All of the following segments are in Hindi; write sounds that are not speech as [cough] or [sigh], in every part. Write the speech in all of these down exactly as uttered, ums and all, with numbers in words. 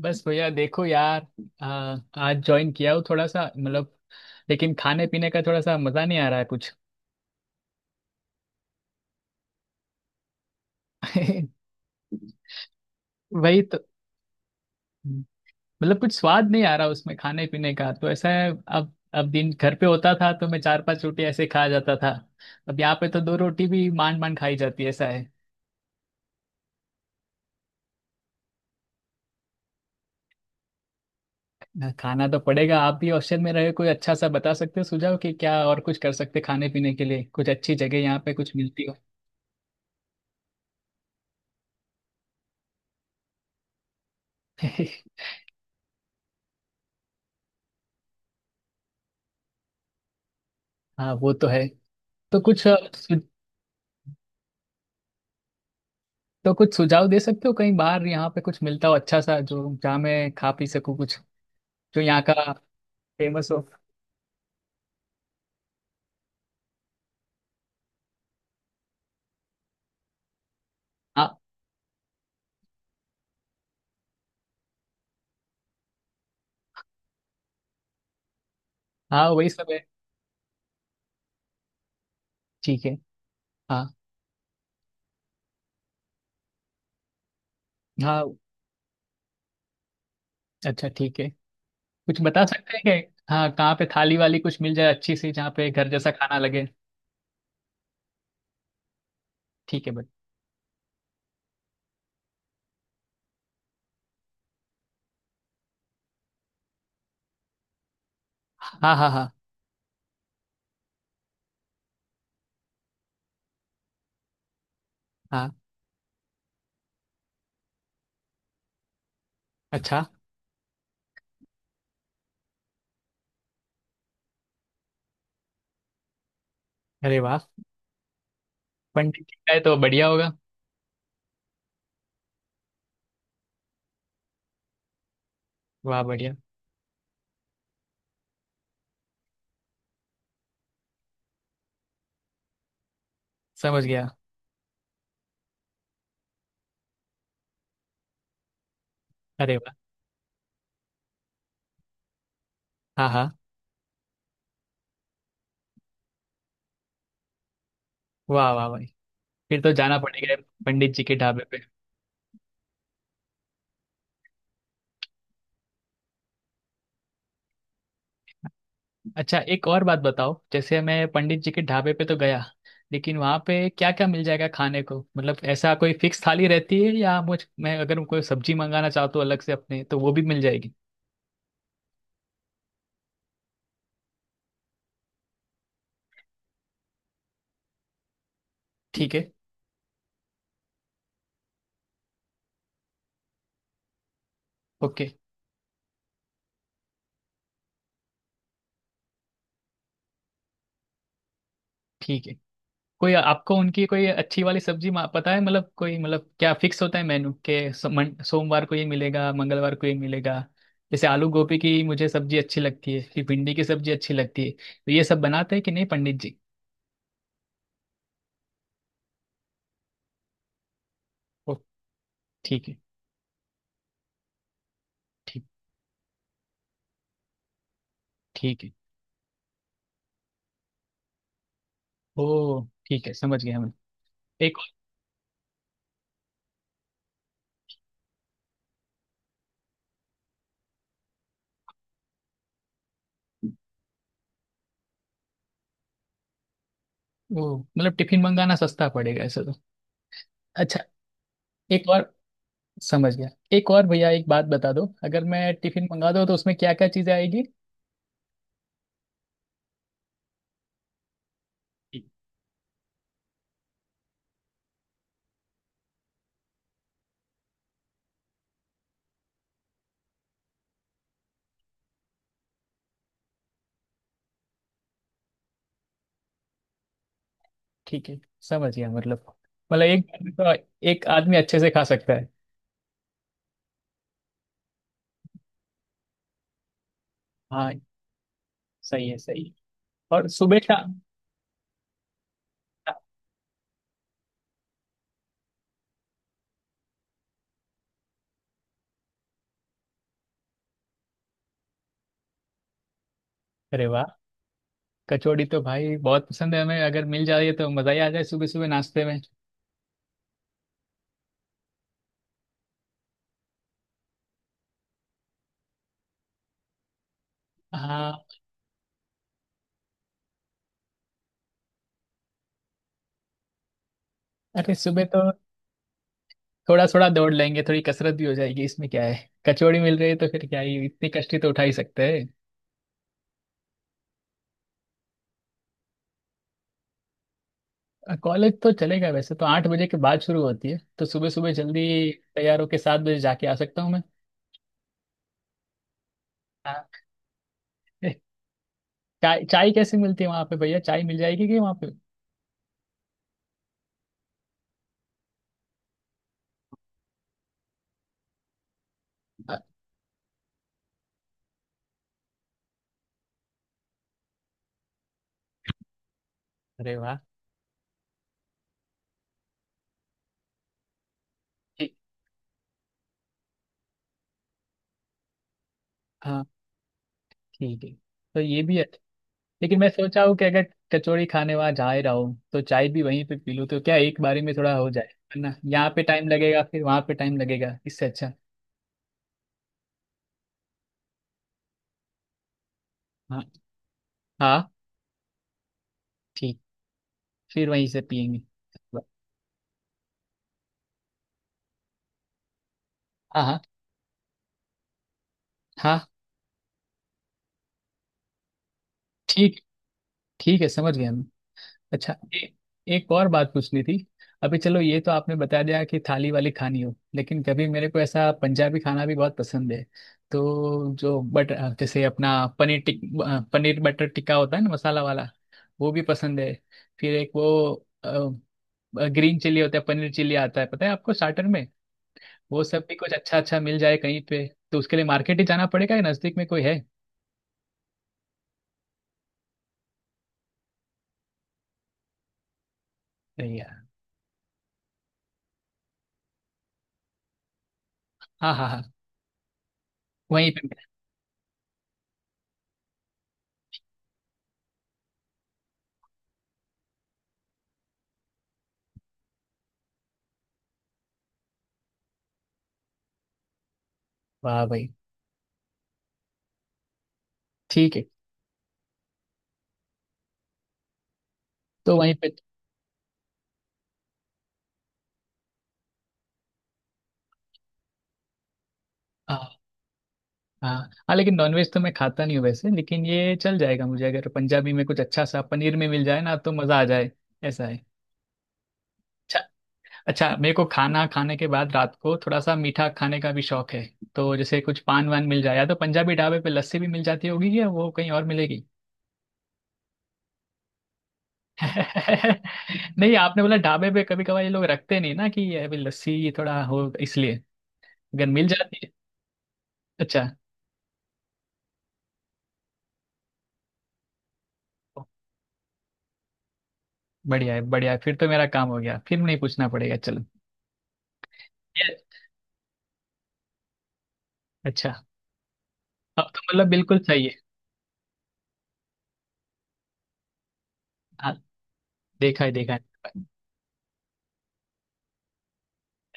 बस भैया देखो यार। आ, आज ज्वाइन किया हूँ थोड़ा सा मतलब। लेकिन खाने पीने का थोड़ा सा मजा नहीं आ रहा है कुछ। [laughs] वही तो। मतलब कुछ स्वाद नहीं आ रहा उसमें खाने पीने का तो ऐसा है। अब अब दिन घर पे होता था तो मैं चार पांच रोटी ऐसे खा जाता था। अब यहाँ पे तो दो रोटी भी मान मान खाई जाती है ऐसा है। ना खाना तो पड़ेगा। आप भी हॉस्टल में रहे, कोई अच्छा सा बता सकते हो सुझाव कि क्या और कुछ कर सकते खाने पीने के लिए, कुछ अच्छी जगह यहाँ पे कुछ मिलती हो? [laughs] हाँ वो तो है। तो कुछ सुझाव, तो कुछ सुझाव दे सकते हो कहीं बाहर यहाँ पे कुछ मिलता हो अच्छा सा, जो जहाँ मैं खा पी सकूँ कुछ, जो यहाँ का फेमस हो। हाँ। हाँ, वही सब है। ठीक है। हाँ। हाँ। अच्छा ठीक है। कुछ बता सकते हैं क्या, हाँ, कहाँ पे थाली वाली कुछ मिल जाए अच्छी सी जहाँ पे घर जैसा खाना लगे? ठीक है बट। हाँ हाँ हाँ। हाँ। अच्छा। अरे वाह, पंडित जी का है तो बढ़िया होगा। वाह बढ़िया। समझ गया। अरे वाह। हाँ हाँ। वाह वाह भाई, फिर तो जाना पड़ेगा पंडित जी के ढाबे पे। अच्छा एक और बात बताओ, जैसे मैं पंडित जी के ढाबे पे तो गया, लेकिन वहाँ पे क्या क्या मिल जाएगा खाने को? मतलब ऐसा कोई फिक्स थाली रहती है या मुझ मैं अगर कोई सब्जी मंगाना चाहता हूँ अलग से अपने, तो वो भी मिल जाएगी? ठीक है। ओके। ठीक है। कोई आपको उनकी कोई अच्छी वाली सब्जी मा- पता है, मतलब कोई, मतलब क्या फिक्स होता है मेनू के सो, मन- सोमवार को ये मिलेगा मंगलवार को ये मिलेगा? जैसे आलू गोभी की मुझे सब्जी अच्छी लगती है, फिर भिंडी की सब्जी अच्छी लगती है, तो ये सब बनाते हैं कि नहीं पंडित जी? ओ ठीक है। ठीक, ठीक है। ओ ठीक है, समझ गया मैं। एक। वो मतलब टिफिन मंगाना सस्ता पड़ेगा ऐसे तो? अच्छा। एक और, समझ गया। एक और भैया, एक बात बता दो, अगर मैं टिफिन मंगा दूँ तो उसमें क्या क्या चीज़ें आएगी? ठीक। ठीक है। समझ गया मतलब। मतलब एक। तो एक आदमी अच्छे से खा सकता है? हाँ, सही है सही है। और सुबह शाम? अरे वाह। कचौड़ी तो भाई बहुत पसंद है हमें, अगर मिल जाए तो मज़ा ही आ जाए सुबह सुबह नाश्ते में। हाँ। अरे सुबह तो थोड़ा थोड़ा दौड़ लेंगे, थोड़ी कसरत भी हो जाएगी, इसमें क्या है, कचौड़ी मिल रही है तो फिर क्या ही, इतनी कष्टी तो उठा ही सकते हैं। कॉलेज तो चलेगा, वैसे तो आठ बजे के बाद शुरू होती है, तो सुबह सुबह जल्दी तैयार होके सात बजे जाके आ सकता हूँ मैं। हाँ। ए, चाय, चाय कैसे मिलती है वहाँ पे भैया? चाय मिल जाएगी कि वहाँ पे? अ- अरे वाह। ठीक। हाँ। ठीक है, तो ये भी है। लेकिन मैं सोचा हूँ कि अगर कचौड़ी खाने वहाँ जा ही रहा हूँ तो चाय भी वहीं पे पी लूँ, तो क्या एक बारी में थोड़ा हो जाए। है ना, यहाँ पे टाइम लगेगा फिर वहाँ पे टाइम लगेगा, इससे अच्छा। हाँ। हाँ। ठीक, फिर वहीं से पियेंगे। हाँ हाँ। हाँ। ठीक। ठीक है, समझ गया मैं। अच्छा ए, एक और बात पूछनी थी। अभी चलो ये तो आपने बता दिया कि थाली वाली खानी हो, लेकिन कभी मेरे को ऐसा पंजाबी खाना भी बहुत पसंद है। तो जो बट जैसे अपना पनीर टिक अ, पनीर बटर टिक्का होता है ना मसाला वाला, वो भी पसंद है। फिर एक वो ग्रीन चिली होता है, पनीर चिली आता है, पता है आपको, स्टार्टर में, वो सब भी कुछ अच्छा अच्छा मिल जाए कहीं पे। तो उसके लिए मार्केट ही जाना पड़ेगा या नजदीक में कोई है? नहीं। हाँ हाँ हाँ। वहीं पे मिला। वाह भाई। ठीक है। तो वहीं पे। हाँ हाँ। हाँ। लेकिन नॉनवेज तो मैं खाता नहीं हूँ वैसे, लेकिन ये चल जाएगा मुझे, अगर पंजाबी में कुछ अच्छा सा पनीर में मिल जाए ना तो मज़ा आ जाए। ऐसा है। अच्छा। अच्छा मेरे को खाना खाने के बाद रात को थोड़ा सा मीठा खाने का भी शौक है। तो जैसे कुछ पान वान मिल जाए, या तो पंजाबी ढाबे पे लस्सी भी मिल जाती होगी, या वो कहीं और मिलेगी? [laughs] नहीं आपने बोला ढाबे पे, कभी कभार ये लोग रखते नहीं ना कि ये, अभी लस्सी थोड़ा हो इसलिए, अगर मिल जाती है। अच्छा। बढ़िया है बढ़िया है, फिर तो मेरा काम हो गया, फिर नहीं पूछना पड़ेगा, चलो। ये- अच्छा। अब तो मतलब बिल्कुल सही है। हाँ। देखा है देखा है।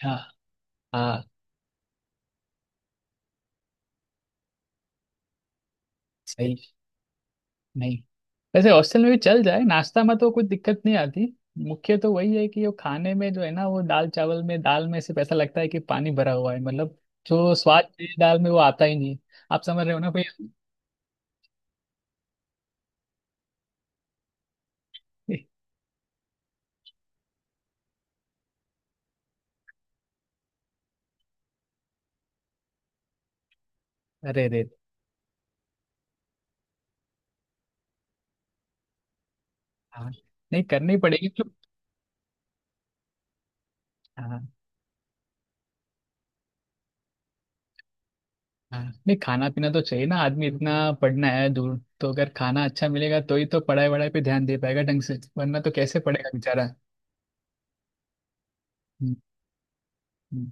हाँ। हाँ। सही। नहीं, वैसे हॉस्टल में भी चल जाए, नाश्ता में तो कुछ दिक्कत नहीं आती। मुख्य तो वही है कि वो खाने में जो है ना वो दाल चावल में, दाल में सिर्फ ऐसा लगता है कि पानी भरा हुआ है मतलब, जो स्वाद है दाल में वो आता ही नहीं। आप समझ रहे हो ना भैया? अरे रे। हाँ, नहीं करनी पड़ेगी तो। हाँ। हाँ, नहीं खाना पीना तो चाहिए ना आदमी, इतना पढ़ना है दूर, तो अगर खाना अच्छा मिलेगा तो ही तो पढ़ाई वढ़ाई पे ध्यान दे पाएगा ढंग से, वरना तो कैसे पढ़ेगा बेचारा। हम्म, हम्म,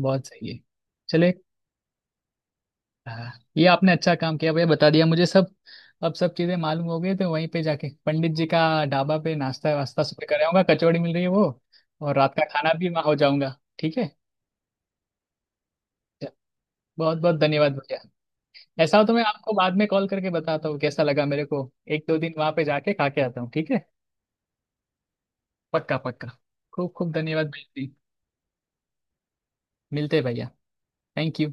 बहुत सही है। चले। हाँ, ये आपने अच्छा काम किया भैया, बता दिया मुझे सब। अब सब चीजें मालूम हो गई, तो वहीं पे जाके पंडित जी का ढाबा पे नाश्ता वास्ता सब कर आऊंगा, कचौड़ी मिल रही है वो, और रात का खाना भी वहाँ हो जाऊंगा, ठीक है। बहुत बहुत धन्यवाद भैया। ऐसा हो तो मैं आपको बाद में कॉल करके बताता हूँ कैसा लगा मेरे को। एक दो दिन वहाँ पे जाके खा के आता हूँ, ठीक है। पक्का पक्का। खूब खूब धन्यवाद भाई जी। मिलते हैं भैया। Thank you.